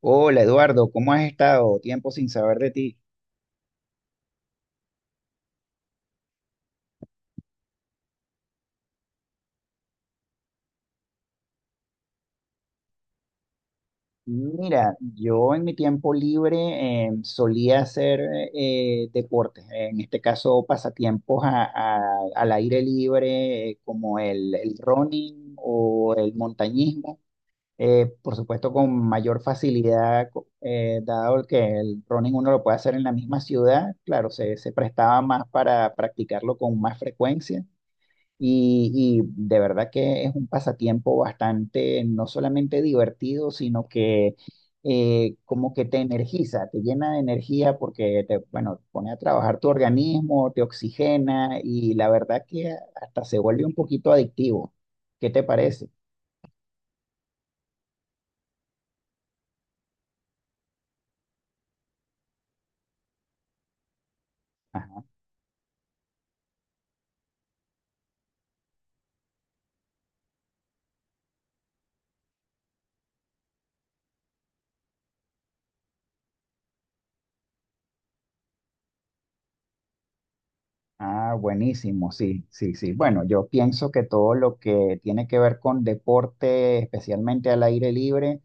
Hola Eduardo, ¿cómo has estado? Tiempo sin saber de ti. Mira, yo en mi tiempo libre solía hacer deportes, en este caso pasatiempos al aire libre, como el running o el montañismo, por supuesto con mayor facilidad, dado el que el running uno lo puede hacer en la misma ciudad, claro, se prestaba más para practicarlo con más frecuencia. Y de verdad que es un pasatiempo bastante, no solamente divertido, sino que como que te energiza, te llena de energía porque te, bueno, pone a trabajar tu organismo, te oxigena y la verdad que hasta se vuelve un poquito adictivo. ¿Qué te parece? Ajá. Ah, buenísimo, sí, sí, sí. Bueno, yo pienso que todo lo que tiene que ver con deporte, especialmente al aire libre,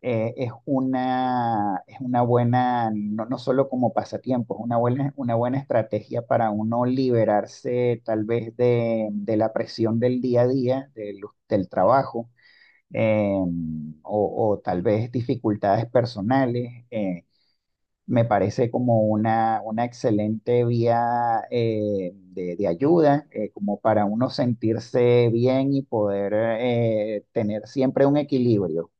es una buena, no, no solo como pasatiempo, es una buena estrategia para uno liberarse tal vez de la presión del día a día, del, del trabajo, eh, o tal vez dificultades personales. Me parece como una excelente vía de ayuda, como para uno sentirse bien y poder tener siempre un equilibrio.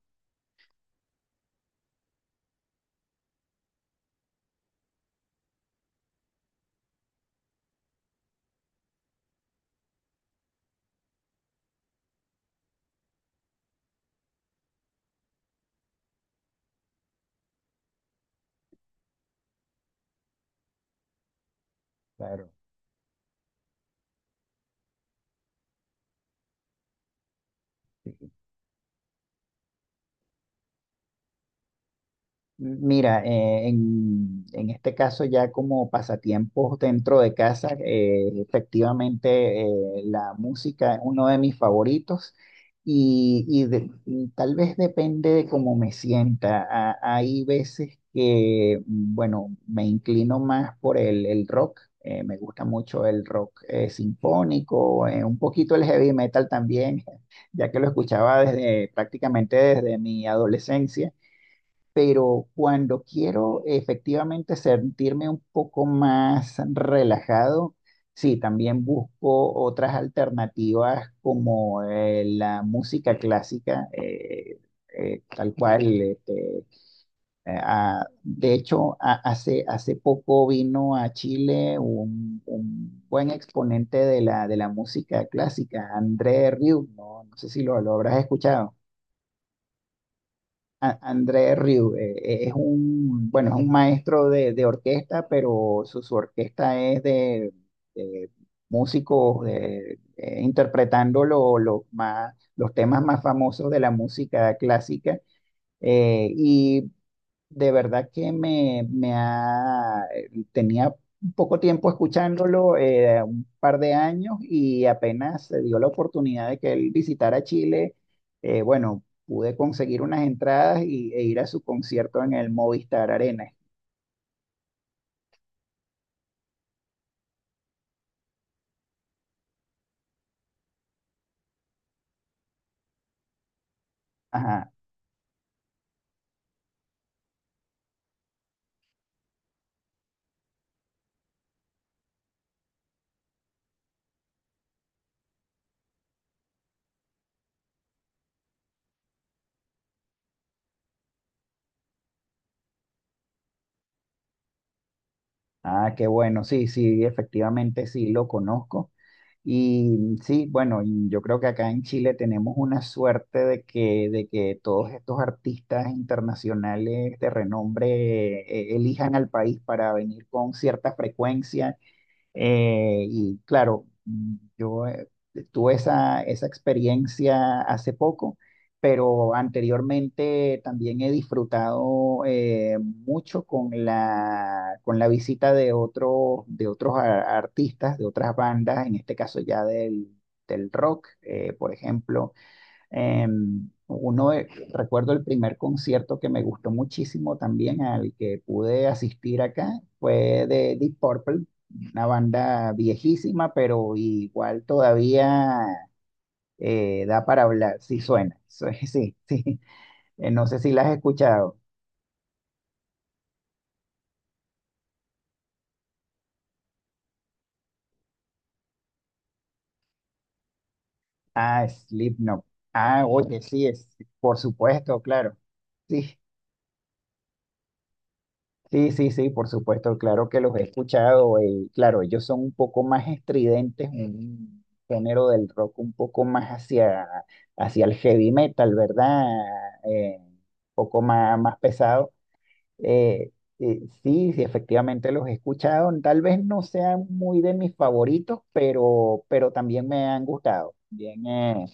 Claro. Sí. Mira, en este caso ya como pasatiempos dentro de casa, efectivamente la música es uno de mis favoritos y tal vez depende de cómo me sienta. Hay veces que, mm, bueno, me inclino más por el rock, me gusta mucho el rock sinfónico, un poquito el heavy metal también, ya que lo escuchaba desde prácticamente desde mi adolescencia, pero cuando quiero efectivamente sentirme un poco más relajado, sí, también busco otras alternativas como la música clásica, tal cual. De hecho, hace poco vino a Chile un buen exponente de de la música clásica, André Rieu, no, no sé si lo habrás escuchado. André Rieu, es un, bueno, es un maestro de orquesta, pero su orquesta es de músicos interpretando los temas más famosos de la música clásica. Y de verdad que me ha, tenía poco tiempo escuchándolo, un par de años, y apenas se dio la oportunidad de que él visitara Chile, bueno, pude conseguir unas entradas e ir a su concierto en el Movistar Arena. Ajá. Ah, qué bueno, sí, sí, efectivamente sí lo conozco. Y sí, bueno, y yo creo que acá en Chile tenemos una suerte de de que todos estos artistas internacionales de renombre elijan al país para venir con cierta frecuencia. Y claro, mm, yo tuve esa experiencia hace poco, pero anteriormente también he disfrutado mucho con con la visita de otros, de otros artistas, de otras bandas, en este caso ya del, del rock, por ejemplo. Eh, uno de- Recuerdo el primer concierto que me gustó muchísimo también, al que pude asistir acá, fue de Deep Purple, una banda viejísima, pero igual todavía da para hablar, sí suena, sí, sí, sí. No sé si la has escuchado. Ah, Slipknot. Ah, oye, sí, es, por supuesto, claro. Sí, sí, sí, sí, por supuesto, claro que los he escuchado. Claro, ellos son un poco más estridentes, un género del rock un poco más hacia, hacia el heavy metal, ¿verdad? Un poco más, más pesado. Eh, sí, sí, efectivamente los he escuchado. Tal vez no sean muy de mis favoritos, pero también me han gustado. Bien,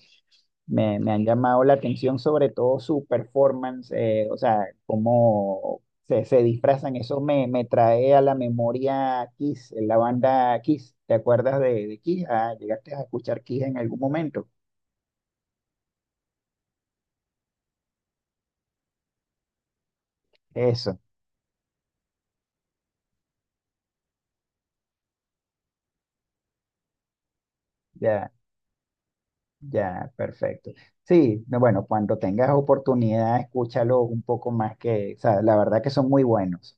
me han llamado la atención sobre todo su performance, o sea, cómo se disfrazan. Eso me trae a la memoria Kiss, la banda Kiss. ¿Te acuerdas de Kiss? Ah, llegaste a escuchar Kiss en algún momento. Eso, ya, ya, perfecto. Sí, no, bueno, cuando tengas oportunidad, escúchalo un poco más que, o sea, la verdad que son muy buenos.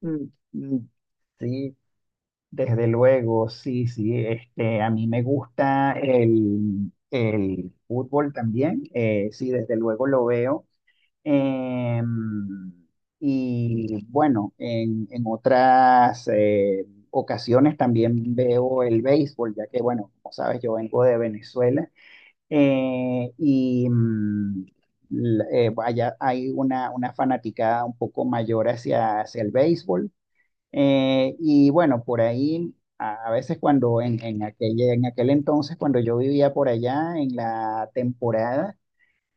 Mm, mm, sí, desde luego, sí, sí. Este, a mí me gusta el fútbol también. Sí, desde luego lo veo. em, y bueno, en otras ocasiones también veo el béisbol, ya que, bueno, como sabes, yo vengo de Venezuela. eh, y mm, Allá hay una fanaticada un poco mayor hacia, hacia el béisbol. Y bueno, por ahí, a veces cuando en aquel entonces, cuando yo vivía por allá en la temporada,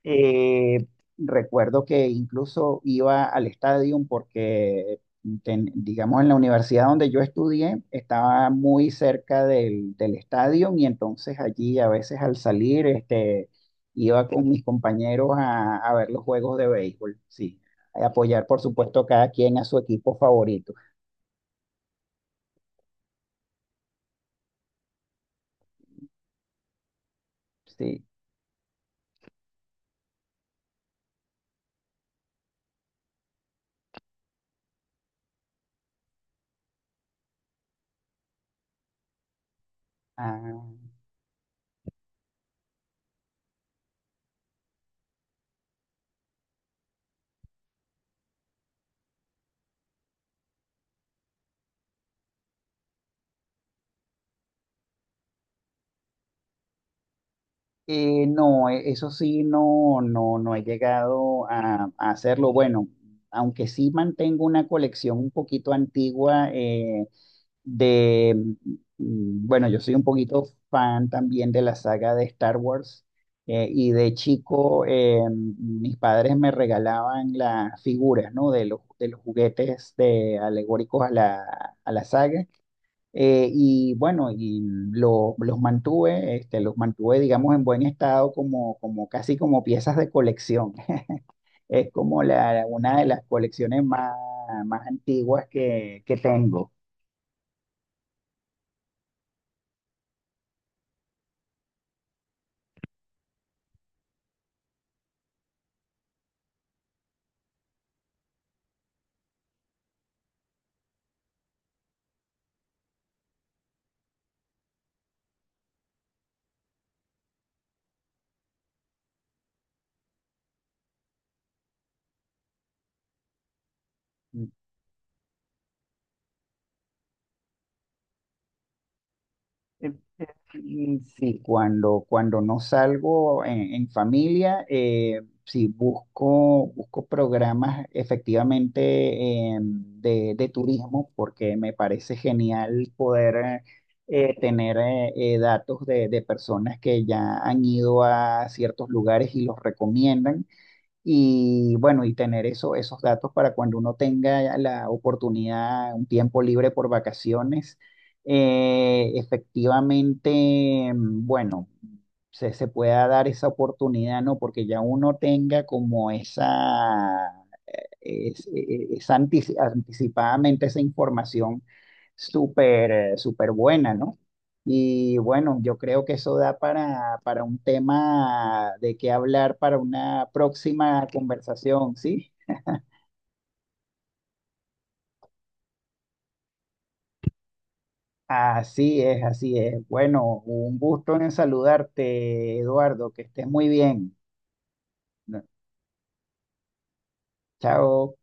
eh, recuerdo que incluso iba al estadio porque, digamos, en la universidad donde yo estudié, estaba muy cerca del, del estadio y entonces allí a veces al salir, este, iba con mis compañeros a ver los juegos de béisbol, sí, a apoyar, por supuesto, cada quien a su equipo favorito, sí. Ah, no, eso sí, no, no, no he llegado a hacerlo. Bueno, aunque sí mantengo una colección un poquito antigua, de, bueno, yo soy un poquito fan también de la saga de Star Wars, y de chico, mis padres me regalaban las figuras, ¿no? De los juguetes de, alegóricos a a la saga. Y bueno, y los mantuve, este, los mantuve, digamos, en buen estado como, como casi como piezas de colección. Es como una de las colecciones más, más antiguas que tengo. Eh, eh, Sí, cuando, cuando no salgo en familia, sí busco, busco programas efectivamente de turismo porque me parece genial poder tener datos de personas que ya han ido a ciertos lugares y los recomiendan. Y bueno, y tener eso, esos datos para cuando uno tenga la oportunidad, un tiempo libre por vacaciones, efectivamente, mm, bueno, se pueda dar esa oportunidad, ¿no? Porque ya uno tenga como esa es anticipadamente esa información súper, súper buena, ¿no? Y bueno, yo creo que eso da para un tema de qué hablar para una próxima conversación, ¿sí? Así es, así es. Bueno, un gusto en saludarte, Eduardo, que estés muy bien. Chao.